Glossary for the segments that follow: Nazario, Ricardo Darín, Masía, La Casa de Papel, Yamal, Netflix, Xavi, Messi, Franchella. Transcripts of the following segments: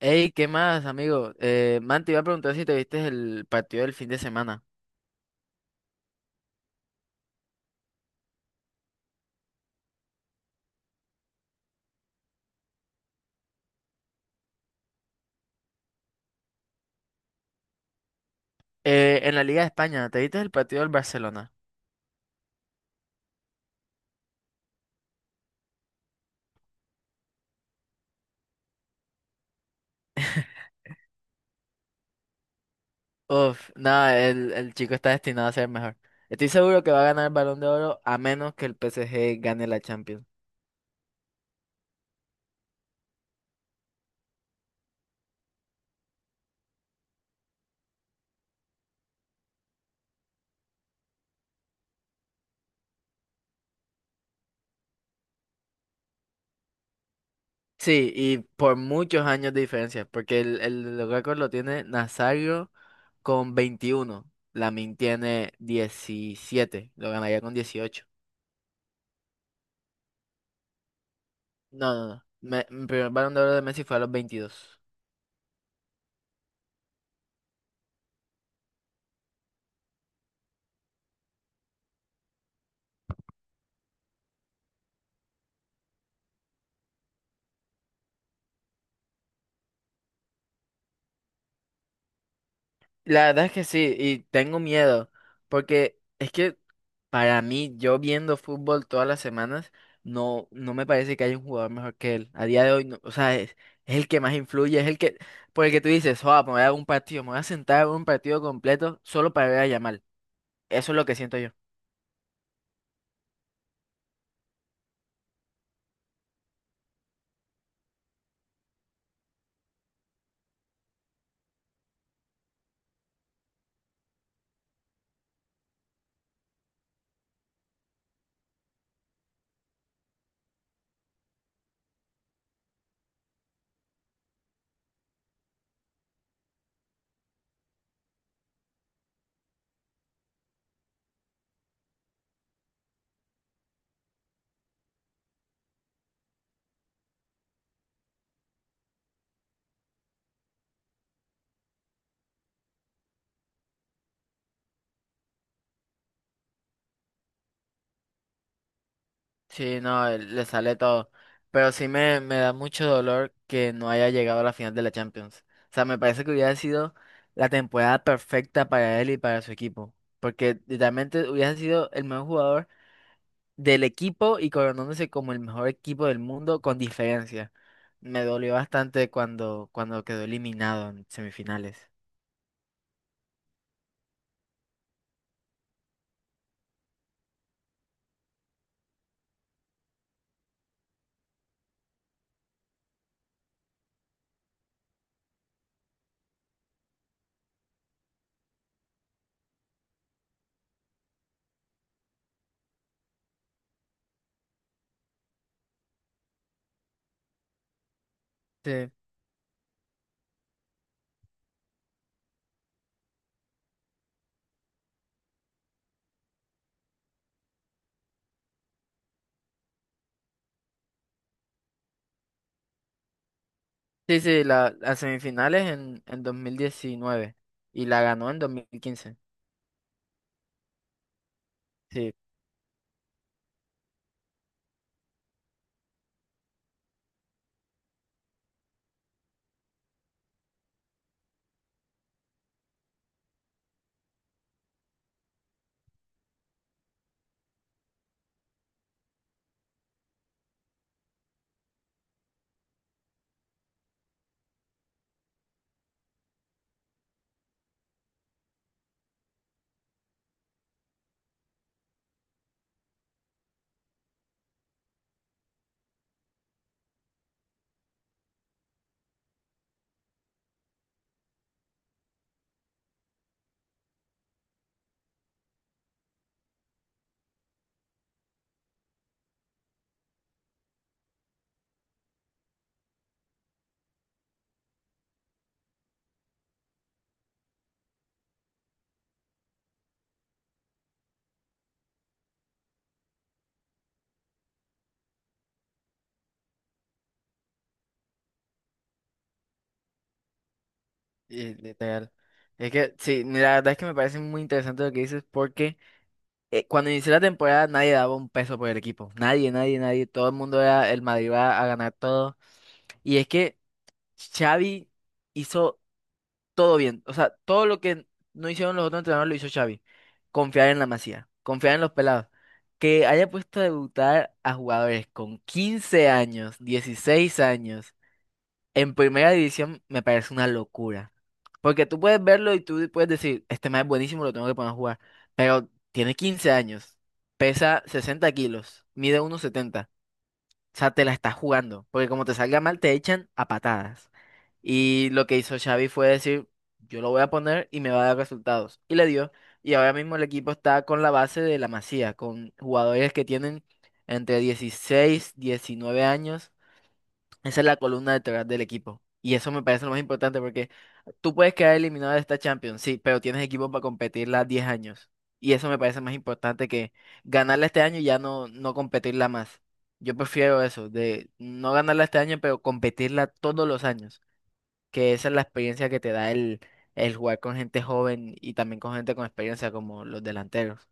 Hey, ¿qué más, amigo? Man, te iba a preguntar si te viste el partido del fin de semana. En la Liga de España, ¿te viste el partido del Barcelona? Uf, nada, el chico está destinado a ser mejor. Estoy seguro que va a ganar el Balón de Oro a menos que el PSG gane la Champions. Sí, y por muchos años de diferencia, porque los récord lo tiene Nazario con 21. Lamin tiene 17, lo ganaría con 18. No, no, no. Mi primer Balón de Oro de Messi fue a los 22. La verdad es que sí, y tengo miedo, porque es que para mí, yo viendo fútbol todas las semanas, no, no me parece que haya un jugador mejor que él. A día de hoy, no, o sea, es el que más influye, por el que tú dices, oh, me voy a dar un partido, me voy a sentar a ver un partido completo solo para ver a Yamal. Eso es lo que siento yo. Sí, no, le sale todo. Pero sí me da mucho dolor que no haya llegado a la final de la Champions. O sea, me parece que hubiera sido la temporada perfecta para él y para su equipo. Porque literalmente hubiera sido el mejor jugador del equipo y coronándose como el mejor equipo del mundo con diferencia. Me dolió bastante cuando quedó eliminado en semifinales. Sí, sí, sí, las semifinales en 2019 y la ganó en 2015. Sí. Y literal. Es que, sí, la verdad es que me parece muy interesante lo que dices porque cuando inició la temporada nadie daba un peso por el equipo. Nadie, nadie, nadie. Todo el mundo era el Madrid va a ganar todo. Y es que Xavi hizo todo bien. O sea, todo lo que no hicieron los otros entrenadores lo hizo Xavi. Confiar en la Masía, confiar en los pelados. Que haya puesto a debutar a jugadores con 15 años, 16 años. En primera división me parece una locura. Porque tú puedes verlo y tú puedes decir, este man es buenísimo, lo tengo que poner a jugar. Pero tiene 15 años, pesa 60 kilos, mide 1,70. O sea, te la estás jugando. Porque como te salga mal, te echan a patadas. Y lo que hizo Xavi fue decir, yo lo voy a poner y me va a dar resultados. Y le dio. Y ahora mismo el equipo está con la base de la Masía, con jugadores que tienen entre 16, 19 años. Esa es la columna vertebral del equipo. Y eso me parece lo más importante porque tú puedes quedar eliminado de esta Champions, sí, pero tienes equipo para competirla 10 años. Y eso me parece más importante que ganarla este año y ya no competirla más. Yo prefiero eso, de no ganarla este año, pero competirla todos los años. Que esa es la experiencia que te da el jugar con gente joven y también con gente con experiencia como los delanteros.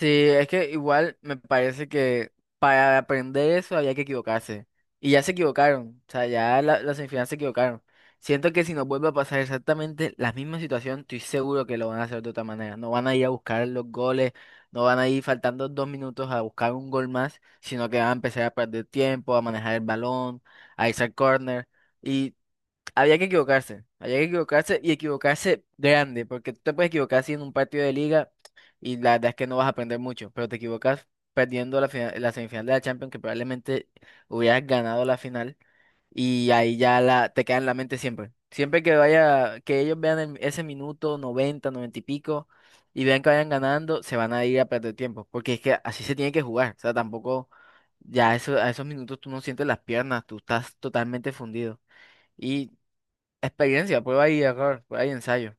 Sí, es que igual me parece que para aprender eso había que equivocarse. Y ya se equivocaron. O sea, las semifinales se equivocaron. Siento que si nos vuelve a pasar exactamente la misma situación, estoy seguro que lo van a hacer de otra manera. No van a ir a buscar los goles, no van a ir faltando 2 minutos a buscar un gol más, sino que van a empezar a perder tiempo, a manejar el balón, a irse al córner. Había que equivocarse y equivocarse grande, porque tú te puedes equivocar así en un partido de liga y la verdad es que no vas a aprender mucho, pero te equivocas perdiendo la semifinal de la Champions, que probablemente hubieras ganado la final y ahí te queda en la mente siempre. Siempre que vaya, que ellos vean ese minuto 90 90 y pico y vean que vayan ganando, se van a ir a perder tiempo, porque es que así se tiene que jugar, o sea, tampoco ya eso, a esos minutos tú no sientes las piernas, tú estás totalmente fundido. Y experiencia, prueba y error, prueba y ensayo.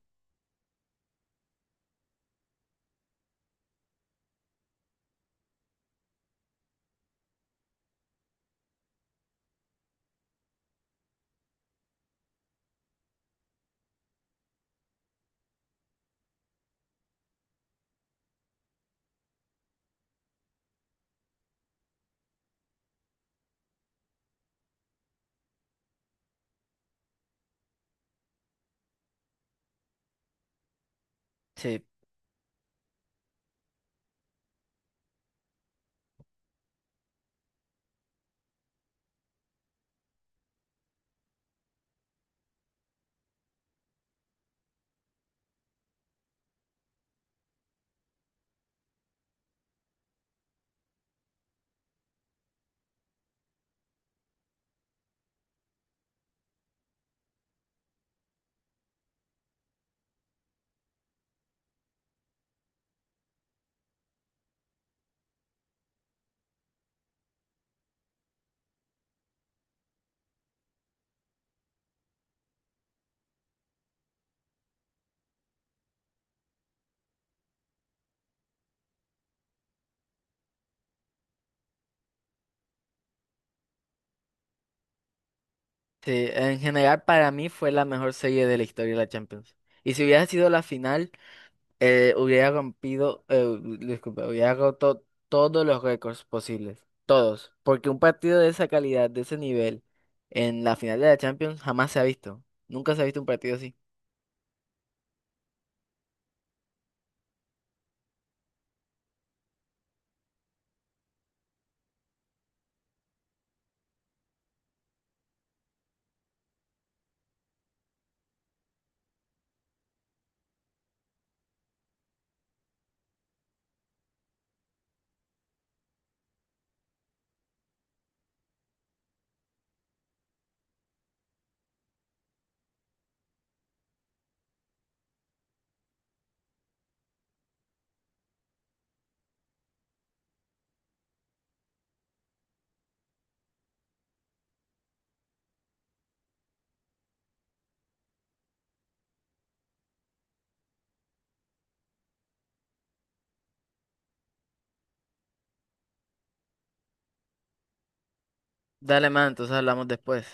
Sí, sí, en general para mí fue la mejor serie de la historia de la Champions. Y si hubiera sido la final, hubiera rompido, disculpa, hubiera roto todos los récords posibles, todos, porque un partido de esa calidad, de ese nivel, en la final de la Champions jamás se ha visto. Nunca se ha visto un partido así. Dale, man, entonces hablamos después.